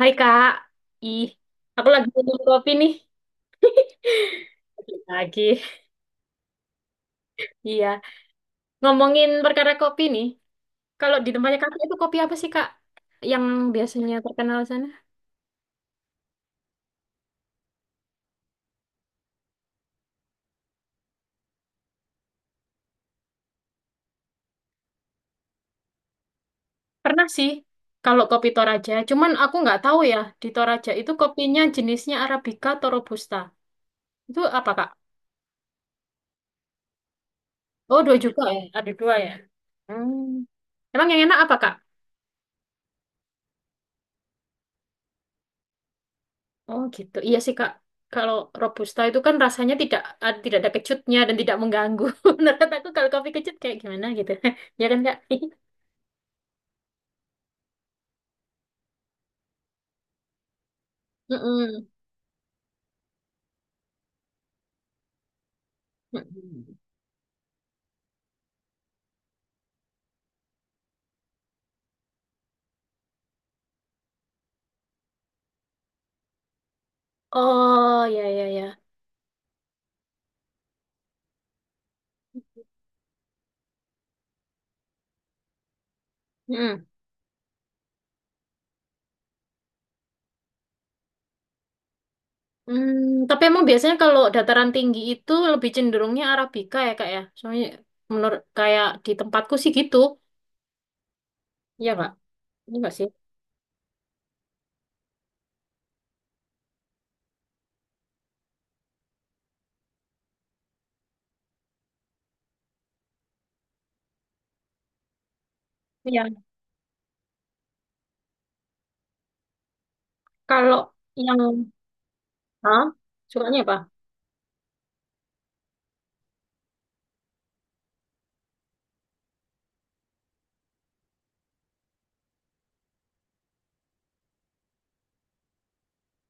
Hai Kak, ih, aku lagi minum kopi nih. Lagi. Iya, ngomongin perkara kopi nih. Kalau di tempatnya Kakak itu kopi apa sih Kak? Yang biasanya terkenal sana? Pernah sih, kalau kopi Toraja. Cuman aku nggak tahu ya, di Toraja itu kopinya jenisnya Arabica atau Robusta. Itu apa Kak? Oh, dua juga ya? Ada dua ya? Hmm. Emang yang enak apa Kak? Oh gitu. Iya sih Kak. Kalau robusta itu kan rasanya tidak tidak ada kecutnya dan tidak mengganggu. Menurut aku kalau kopi kecut kayak gimana gitu. Ya kan Kak? Mm-mm. Mm-mm. Oh ya ya ya. Mm-mm. Hmm, tapi emang biasanya kalau dataran tinggi itu lebih cenderungnya Arabica ya Kak ya. Soalnya menurut kayak di tempatku sih gitu. Iya Kak. Ini nggak sih? Iya. Kalau yang. Hah? Sukanya apa?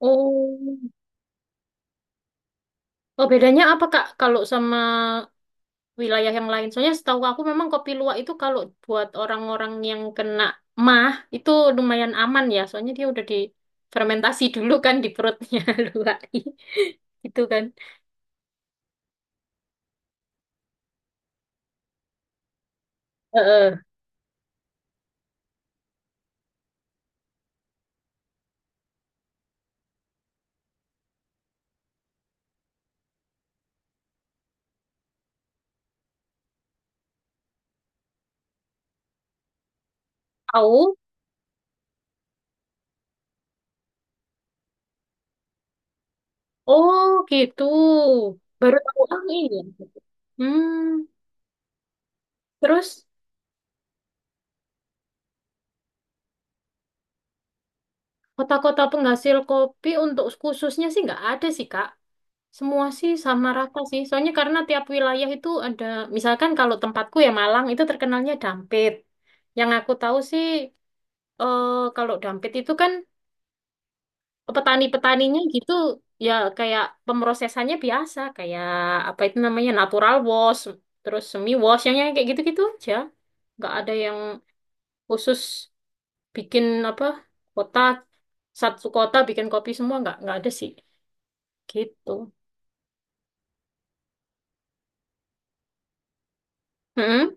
Oh. Oh, bedanya apa Kak kalau sama wilayah yang lain. Soalnya setahu aku memang kopi luwak itu kalau buat orang-orang yang kena mah itu lumayan aman ya. Soalnya dia udah difermentasi dulu kan di perutnya luwak. Gitu kan. Heeh. Tahu? Oh, gitu. Baru tahu aku ini. Hmm, terus kota-kota penghasil kopi untuk khususnya sih nggak ada sih, Kak. Semua sih sama rata sih. Soalnya karena tiap wilayah itu ada, misalkan kalau tempatku ya Malang itu terkenalnya dampit. Yang aku tahu sih, eh, kalau dampit itu kan petani-petaninya gitu ya kayak pemrosesannya biasa, kayak apa itu namanya natural wash, terus semi wash, yang kayak gitu-gitu aja. Nggak ada yang khusus bikin apa kota satu kota bikin kopi semua nggak ada sih gitu. Mm-mm.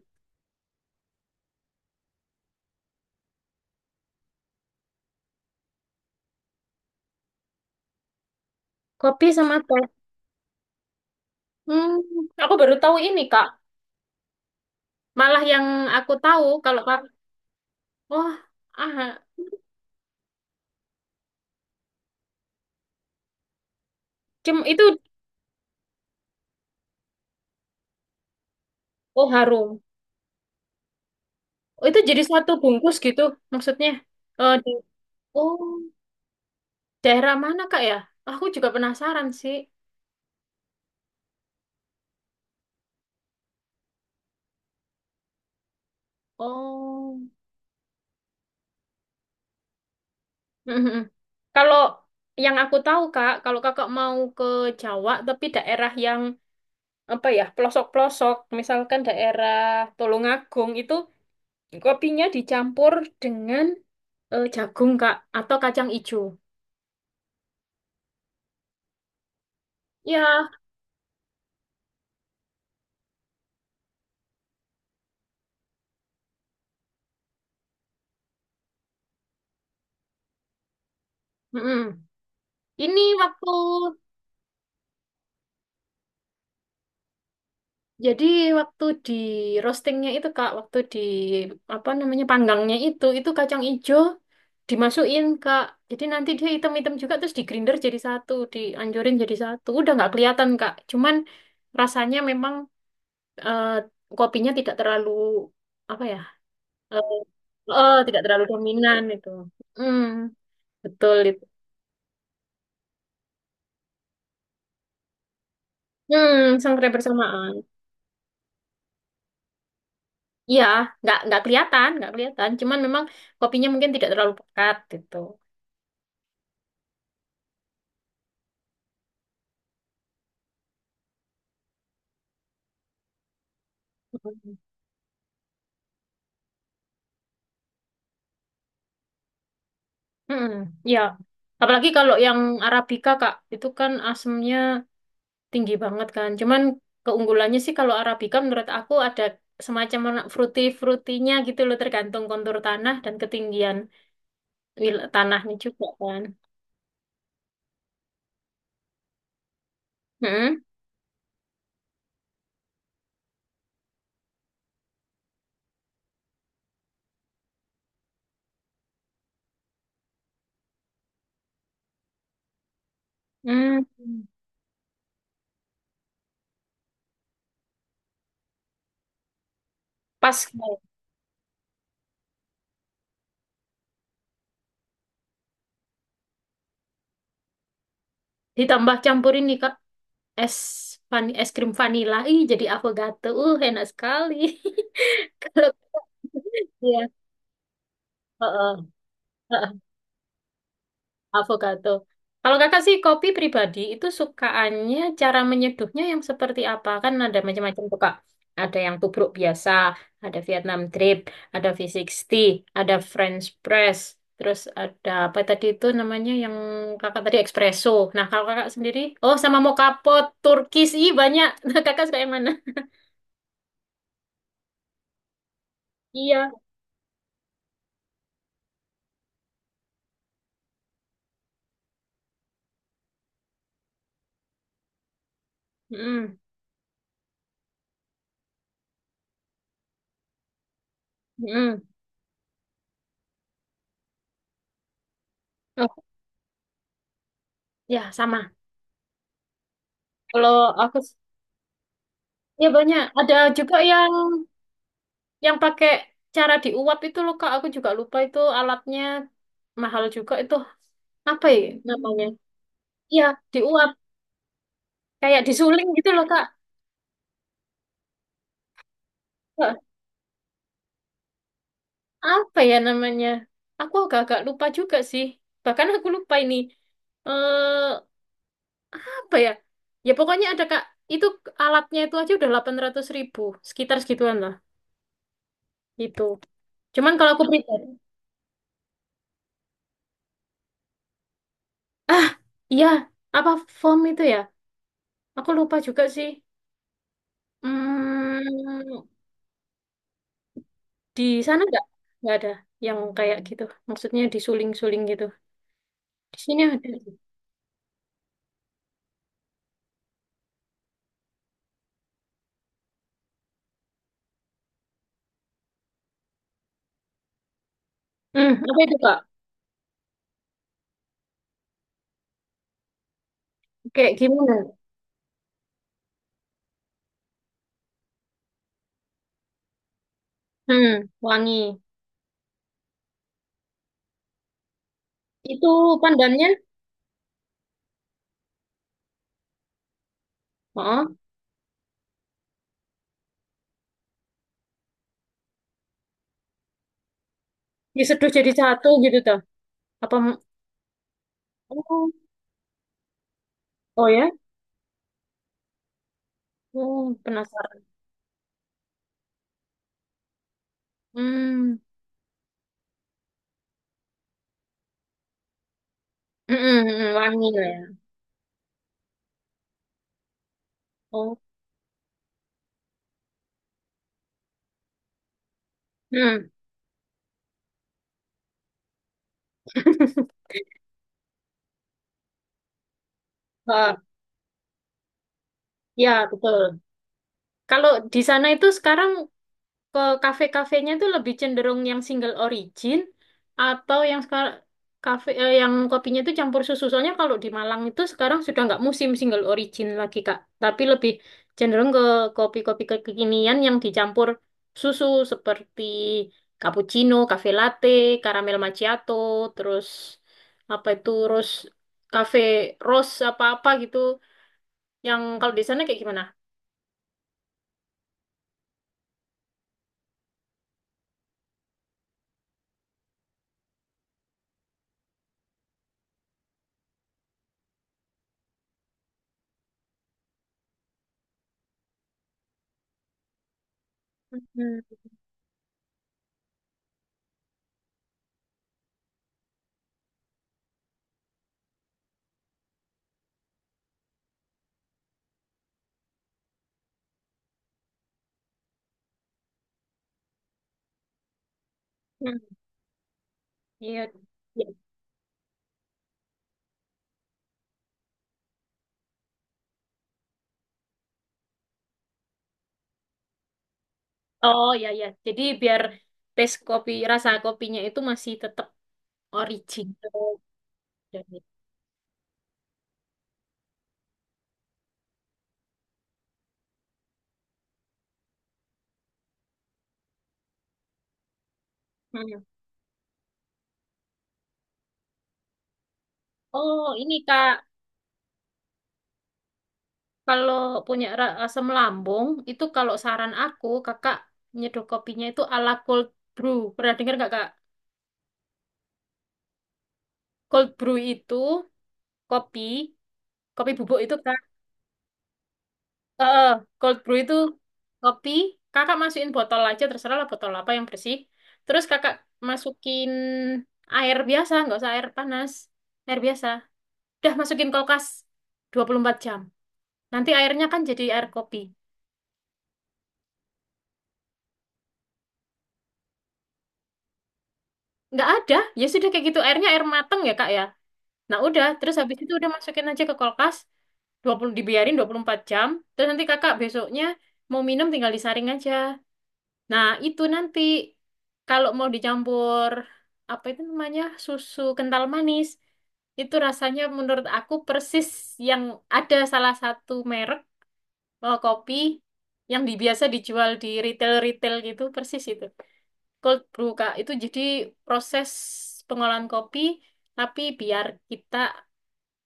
Kopi sama teh. Hmm, aku baru tahu ini, Kak. Malah yang aku tahu kalau Kak, oh, ah, cem itu oh harum. Oh, itu jadi satu bungkus gitu maksudnya. Eh, di oh, daerah mana, Kak ya? Aku juga penasaran sih. Oh. Mhm. Kalau yang aku tahu, Kak, kalau Kakak mau ke Jawa tapi daerah yang apa ya, pelosok-pelosok, misalkan daerah Tulungagung itu kopinya dicampur dengan jagung, Kak, atau kacang ijo. Ya, mm-mm. Ini waktu Jadi waktu di roastingnya itu Kak, waktu di apa namanya panggangnya itu kacang ijo dimasukin Kak. Jadi nanti dia hitam-hitam juga terus di grinder jadi satu, dianjurin jadi satu. Udah nggak kelihatan Kak. Cuman rasanya memang eh, kopinya tidak terlalu apa ya? eh tidak terlalu dominan itu. Mm, betul itu. Hmm, sangrai bersamaan. Iya, nggak kelihatan, nggak kelihatan. Cuman memang kopinya mungkin tidak terlalu pekat gitu. Mm. Hmm, ya. Apalagi kalau yang Arabica, Kak, itu kan asemnya tinggi banget kan. Cuman keunggulannya sih kalau Arabica menurut aku ada semacam warna fruity-fruitynya gitu loh, tergantung kontur tanah dan ketinggian tanahnya juga kan. Hmm, hmm. Pas Kak. Ditambah campurin nih, Kak. Es van es krim vanila ih jadi avocado enak sekali. Kalau iya heeh, heeh, avocado, kalau kakak sih kopi pribadi itu sukaannya cara menyeduhnya yang seperti apa? Kan ada macam-macam tuh Kak. Ada yang tubruk biasa, ada Vietnam drip, ada V60, ada French press, terus ada apa tadi itu namanya yang kakak tadi espresso. Nah kalau kakak sendiri, oh, sama mocha pot, Turkish, ih banyak. Kakak suka yang mana? Iya, mm-mm, mm-mm. Oh, ya sama. Kalau aku ya banyak. Ada juga yang pakai cara diuap itu loh Kak. Aku juga lupa itu alatnya mahal juga itu apa ya namanya? Iya diuap kayak disuling gitu loh Kak. Eh, Apa ya namanya? Aku agak-agak lupa juga sih. Bahkan aku lupa ini. Eh apa ya? Ya pokoknya ada Kak. Itu alatnya itu aja udah 800.000 ribu ribu sekitar segituan lah. Itu. Cuman kalau aku pribadi. Ah, iya, apa form itu ya? Aku lupa juga sih. Hmm, di sana nggak ada yang kayak gitu. Maksudnya disuling-suling gitu. Di sini ada. Hmm, apa itu Kak? Kayak gimana? Hmm, wangi. Itu pandannya? Oh, diseduh jadi satu gitu toh. Apa? Oh, oh ya? Oh, penasaran. Hmm, mm-mm, mm, wangi lah ya. Oh, hmm. Ah, ya betul. Kalau di sana itu sekarang ke kafe-kafenya tuh lebih cenderung yang single origin atau yang sekarang kafe yang kopinya itu campur susu. Soalnya kalau di Malang itu sekarang sudah nggak musim single origin lagi Kak, tapi lebih cenderung ke kopi-kopi kekinian yang dicampur susu seperti cappuccino, cafe latte, caramel macchiato, terus apa itu rose cafe rose apa-apa gitu. Yang kalau di sana kayak gimana? Hmm. Iya. Oh ya ya. Jadi biar taste kopi rasa kopinya itu masih tetap original. Jadi, hmm. Oh ini Kak, kalau punya asam lambung itu kalau saran aku Kakak nyeduh kopinya itu ala cold brew. Pernah dengar nggak Kak? Cold brew itu kopi, kopi bubuk itu Kak. Eh, cold brew itu kopi. Kakak masukin botol aja terserah lah botol apa yang bersih. Terus Kakak masukin air biasa, nggak usah air panas, air biasa. Udah masukin kulkas 24 jam. Nanti airnya kan jadi air kopi. Nggak ada. Ya sudah kayak gitu. Airnya air mateng ya, Kak ya. Nah, udah. Terus habis itu udah masukin aja ke kulkas. Dua puluh Dibiarin 24 jam. Terus nanti kakak besoknya mau minum tinggal disaring aja. Nah, itu nanti kalau mau dicampur apa itu namanya susu kental manis itu rasanya menurut aku persis yang ada salah satu merek. Oh, kopi yang biasa dijual di retail-retail gitu, persis itu. Cold brew, Kak. Itu jadi proses pengolahan kopi, tapi biar kita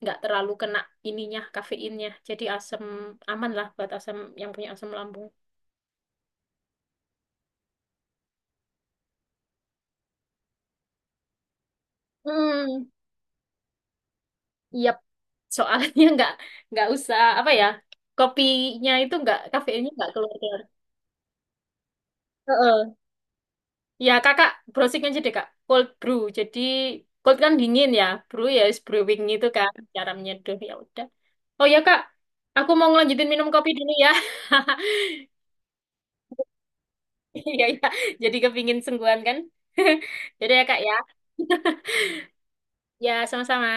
nggak terlalu kena ininya, kafeinnya. Jadi asam aman lah buat asam yang punya asam lambung. Hmm, yep. Soalnya nggak usah apa ya, kopinya itu nggak kafeinnya nggak keluar keluar. Ya, kakak browsing aja deh, Kak. Cold brew. Jadi, cold kan dingin ya. Brew ya, is brewing itu kan. Cara menyeduh, ya udah. Oh ya, Kak. Aku mau ngelanjutin minum kopi dulu ya. Iya, iya. Jadi kepingin sungguhan kan. Jadi ya, Kak, ya. Ya, sama-sama.